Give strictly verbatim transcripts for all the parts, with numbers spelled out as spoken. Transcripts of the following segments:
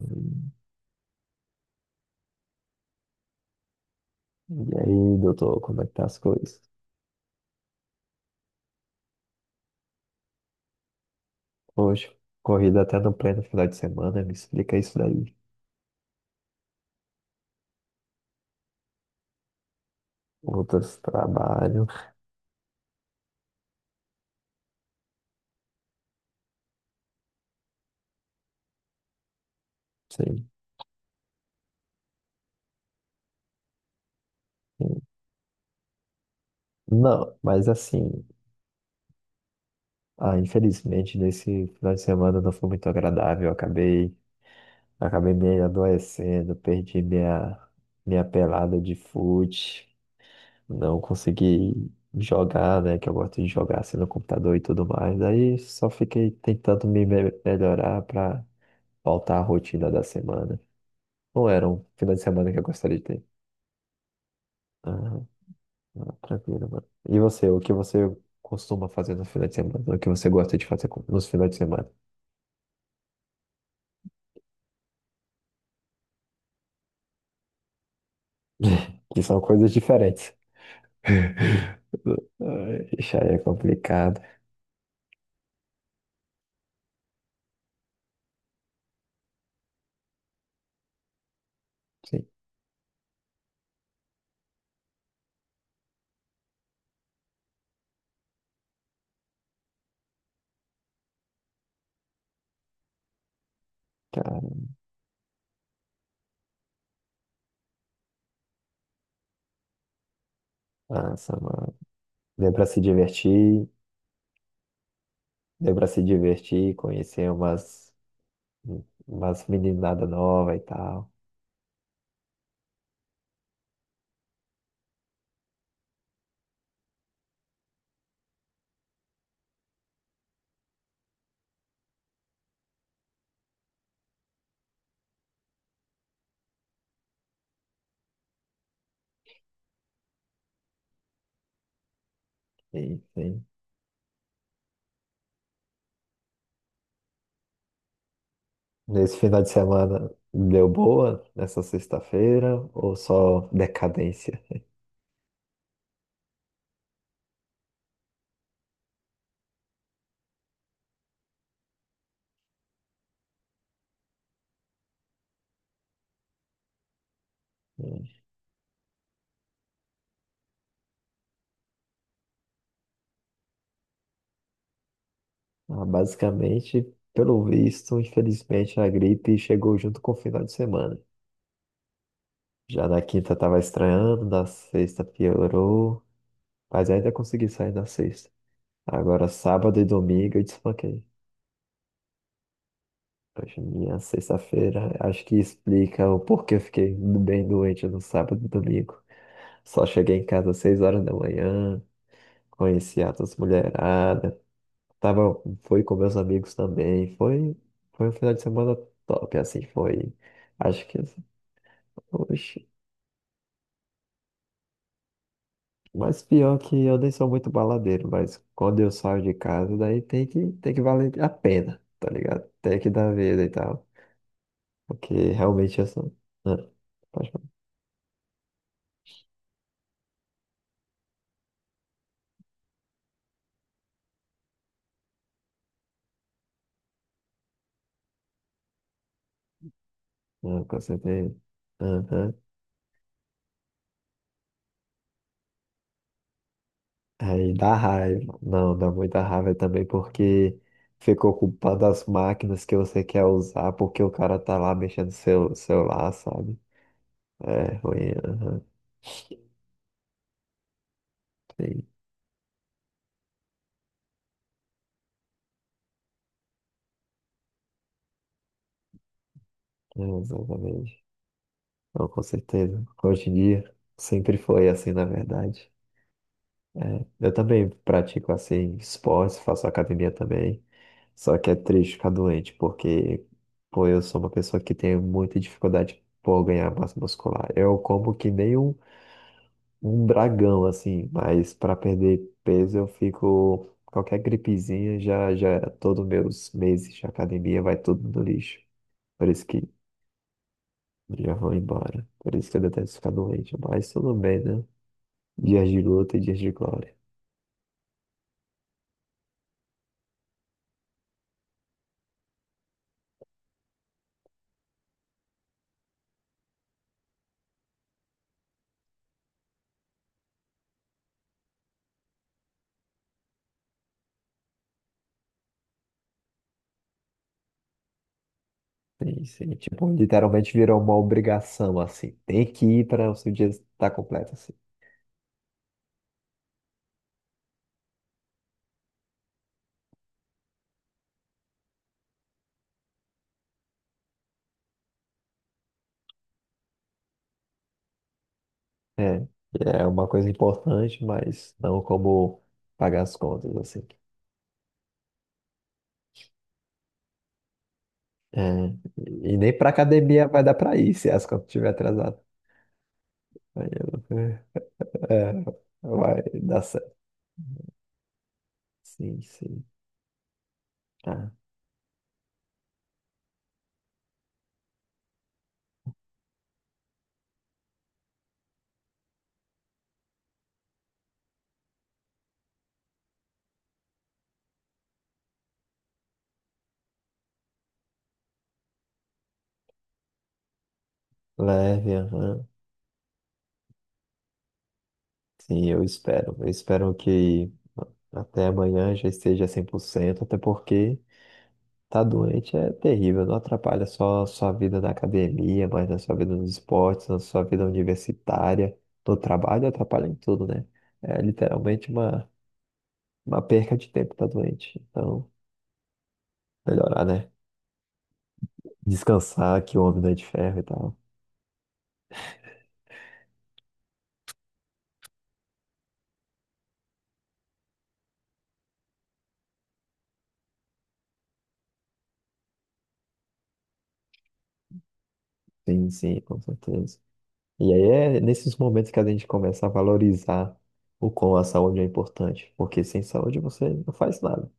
Hum. E aí, doutor, como é que tá as coisas? Hoje, corrida até no pleno final de semana, me explica isso daí. Outros trabalho, sim. Não, mas assim, ah, infelizmente nesse final de semana não foi muito agradável. Eu acabei, acabei me adoecendo, perdi minha, minha pelada de fute, não consegui jogar, né? Que eu gosto de jogar assim no computador e tudo mais. Daí só fiquei tentando me me- melhorar para faltar a rotina da semana. Não era um final de semana que eu gostaria de ter. Ah, ah, tranquilo, mano. E você, o que você costuma fazer no final de semana? O que você gosta de fazer com- nos finais de semana? Que são coisas diferentes. Ai, isso aí é complicado. Sim, cara. Nossa, mano. Deu pra se divertir, deu pra se divertir, conhecer umas, umas meninadas novas e tal. Sim, sim. Nesse final de semana deu boa nessa sexta-feira ou só decadência? Hum. Ah, basicamente, pelo visto, infelizmente a gripe chegou junto com o final de semana. Já na quinta tava estranhando, na sexta piorou, mas ainda consegui sair na sexta. Agora sábado e domingo eu desfanquei. Hoje, minha sexta-feira, acho que explica o porquê eu fiquei bem doente no sábado e domingo. Só cheguei em casa às seis horas da manhã, conheci altas mulherada, tava, fui com meus amigos também, foi, foi um final de semana top, assim, foi, acho que, oxe, mas pior que eu nem sou muito baladeiro, mas quando eu saio de casa, daí tem que, tem que valer a pena, tá ligado? Tem que dar vida e tal, porque realmente eu sou, ah, pode falar, ah, com certeza, aí dá raiva. Não, dá muita raiva também porque ficou culpado as máquinas que você quer usar porque o cara tá lá mexendo no seu celular, sabe? É ruim. Aham. Sim, é, exatamente. Não, com certeza. Hoje em dia sempre foi assim, na verdade. É, eu também pratico assim esportes, faço academia também. Só que é triste ficar doente, porque pô, eu sou uma pessoa que tem muita dificuldade por ganhar massa muscular. Eu como que nem um um dragão, assim, mas para perder peso eu fico. Qualquer gripezinha já, já, é, todos meus meses de academia vai tudo no lixo. Por isso que já vão embora. Por isso que eu detesto ficar doente. Mas tudo bem, né? Dias de luta e dias de glória. Sim, sim. Tipo, literalmente virou uma obrigação, assim. Tem que ir para o seu dia estar completo, assim. É, é uma coisa importante, mas não como pagar as contas, assim. É, e nem pra academia vai dar pra ir se as contas estiver atrasada. Aí eu- É, vai dar certo. Sim, sim. Tá. Leve, aham. Sim, eu espero. Eu espero que até amanhã já esteja cem por cento. Até porque tá doente é terrível. Não atrapalha só a sua vida na academia, mas na sua vida nos esportes, na sua vida universitária, no trabalho, atrapalha em tudo, né? É literalmente uma, uma perca de tempo tá doente. Então, melhorar, né? Descansar, que o homem não é de ferro e tal. Sim, sim, com certeza. E aí é nesses momentos que a gente começa a valorizar o quão a saúde é importante, porque sem saúde você não faz nada.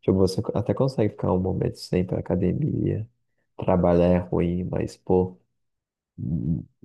Tipo, você até consegue ficar um momento sem ir pra academia, trabalhar é ruim, mas, pô,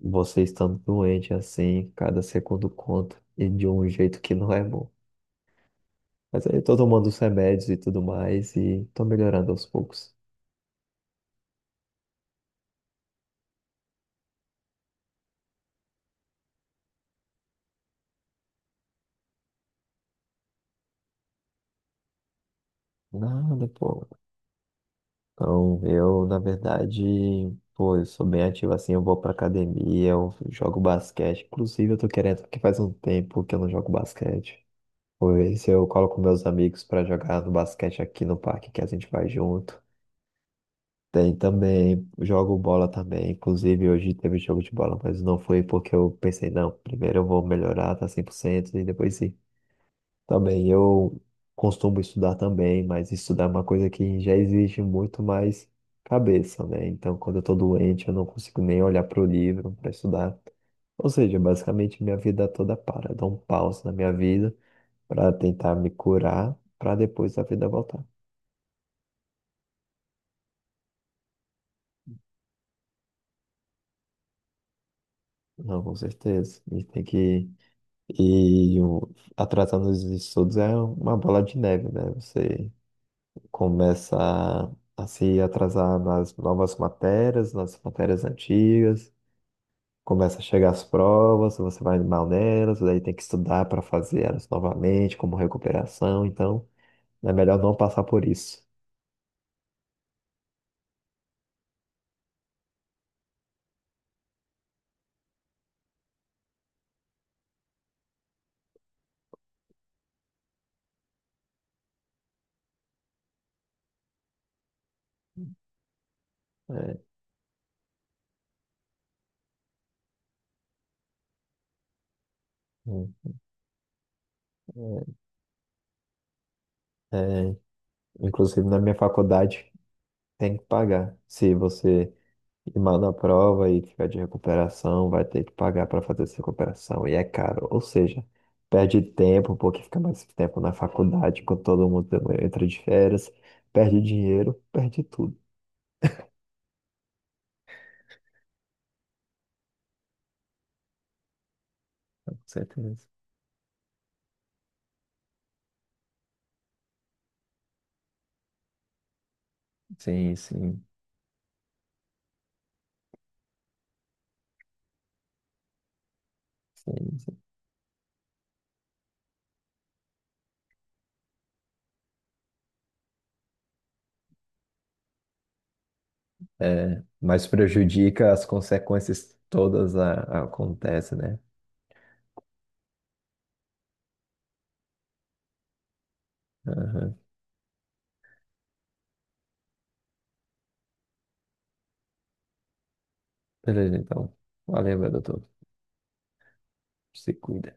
você estando doente assim, cada segundo conta, e de um jeito que não é bom. Mas aí eu tô tomando os remédios e tudo mais, e tô melhorando aos poucos. Nada, pô. Então, eu, na verdade, pô, eu sou bem ativo assim, eu vou pra academia, eu jogo basquete. Inclusive, eu tô querendo, porque faz um tempo que eu não jogo basquete. Pois eu coloco meus amigos pra jogar no basquete aqui no parque, que a gente vai junto. Tem também, jogo bola também. Inclusive, hoje teve jogo de bola, mas não foi porque eu pensei, não, primeiro eu vou melhorar, tá cem por cento e depois sim. Tá bem, eu costumo estudar também, mas estudar é uma coisa que já exige muito mais cabeça, né? Então, quando eu tô doente, eu não consigo nem olhar para o livro para estudar. Ou seja, basicamente minha vida toda para. Eu dou um pause na minha vida para tentar me curar, para depois a vida voltar. Não, com certeza. A gente tem que ir atrasando os estudos é uma bola de neve, né? Você começa a, a se atrasar nas novas matérias, nas matérias antigas, começa a chegar as provas, você vai mal nelas, daí tem que estudar para fazer elas novamente, como recuperação, então é melhor não passar por isso. É, hum, é, inclusive na minha faculdade tem que pagar. Se você E mal na prova e ficar de recuperação, vai ter que pagar para fazer essa recuperação. E é caro. Ou seja, perde tempo, porque fica mais tempo na faculdade, quando todo mundo entra de férias, perde dinheiro, perde tudo. Com certeza. Sim, sim, sim, sim. É, mas prejudica as consequências todas a, acontecem, né? Aham. Beleza, então. Valeu, meu doutor. Se cuida.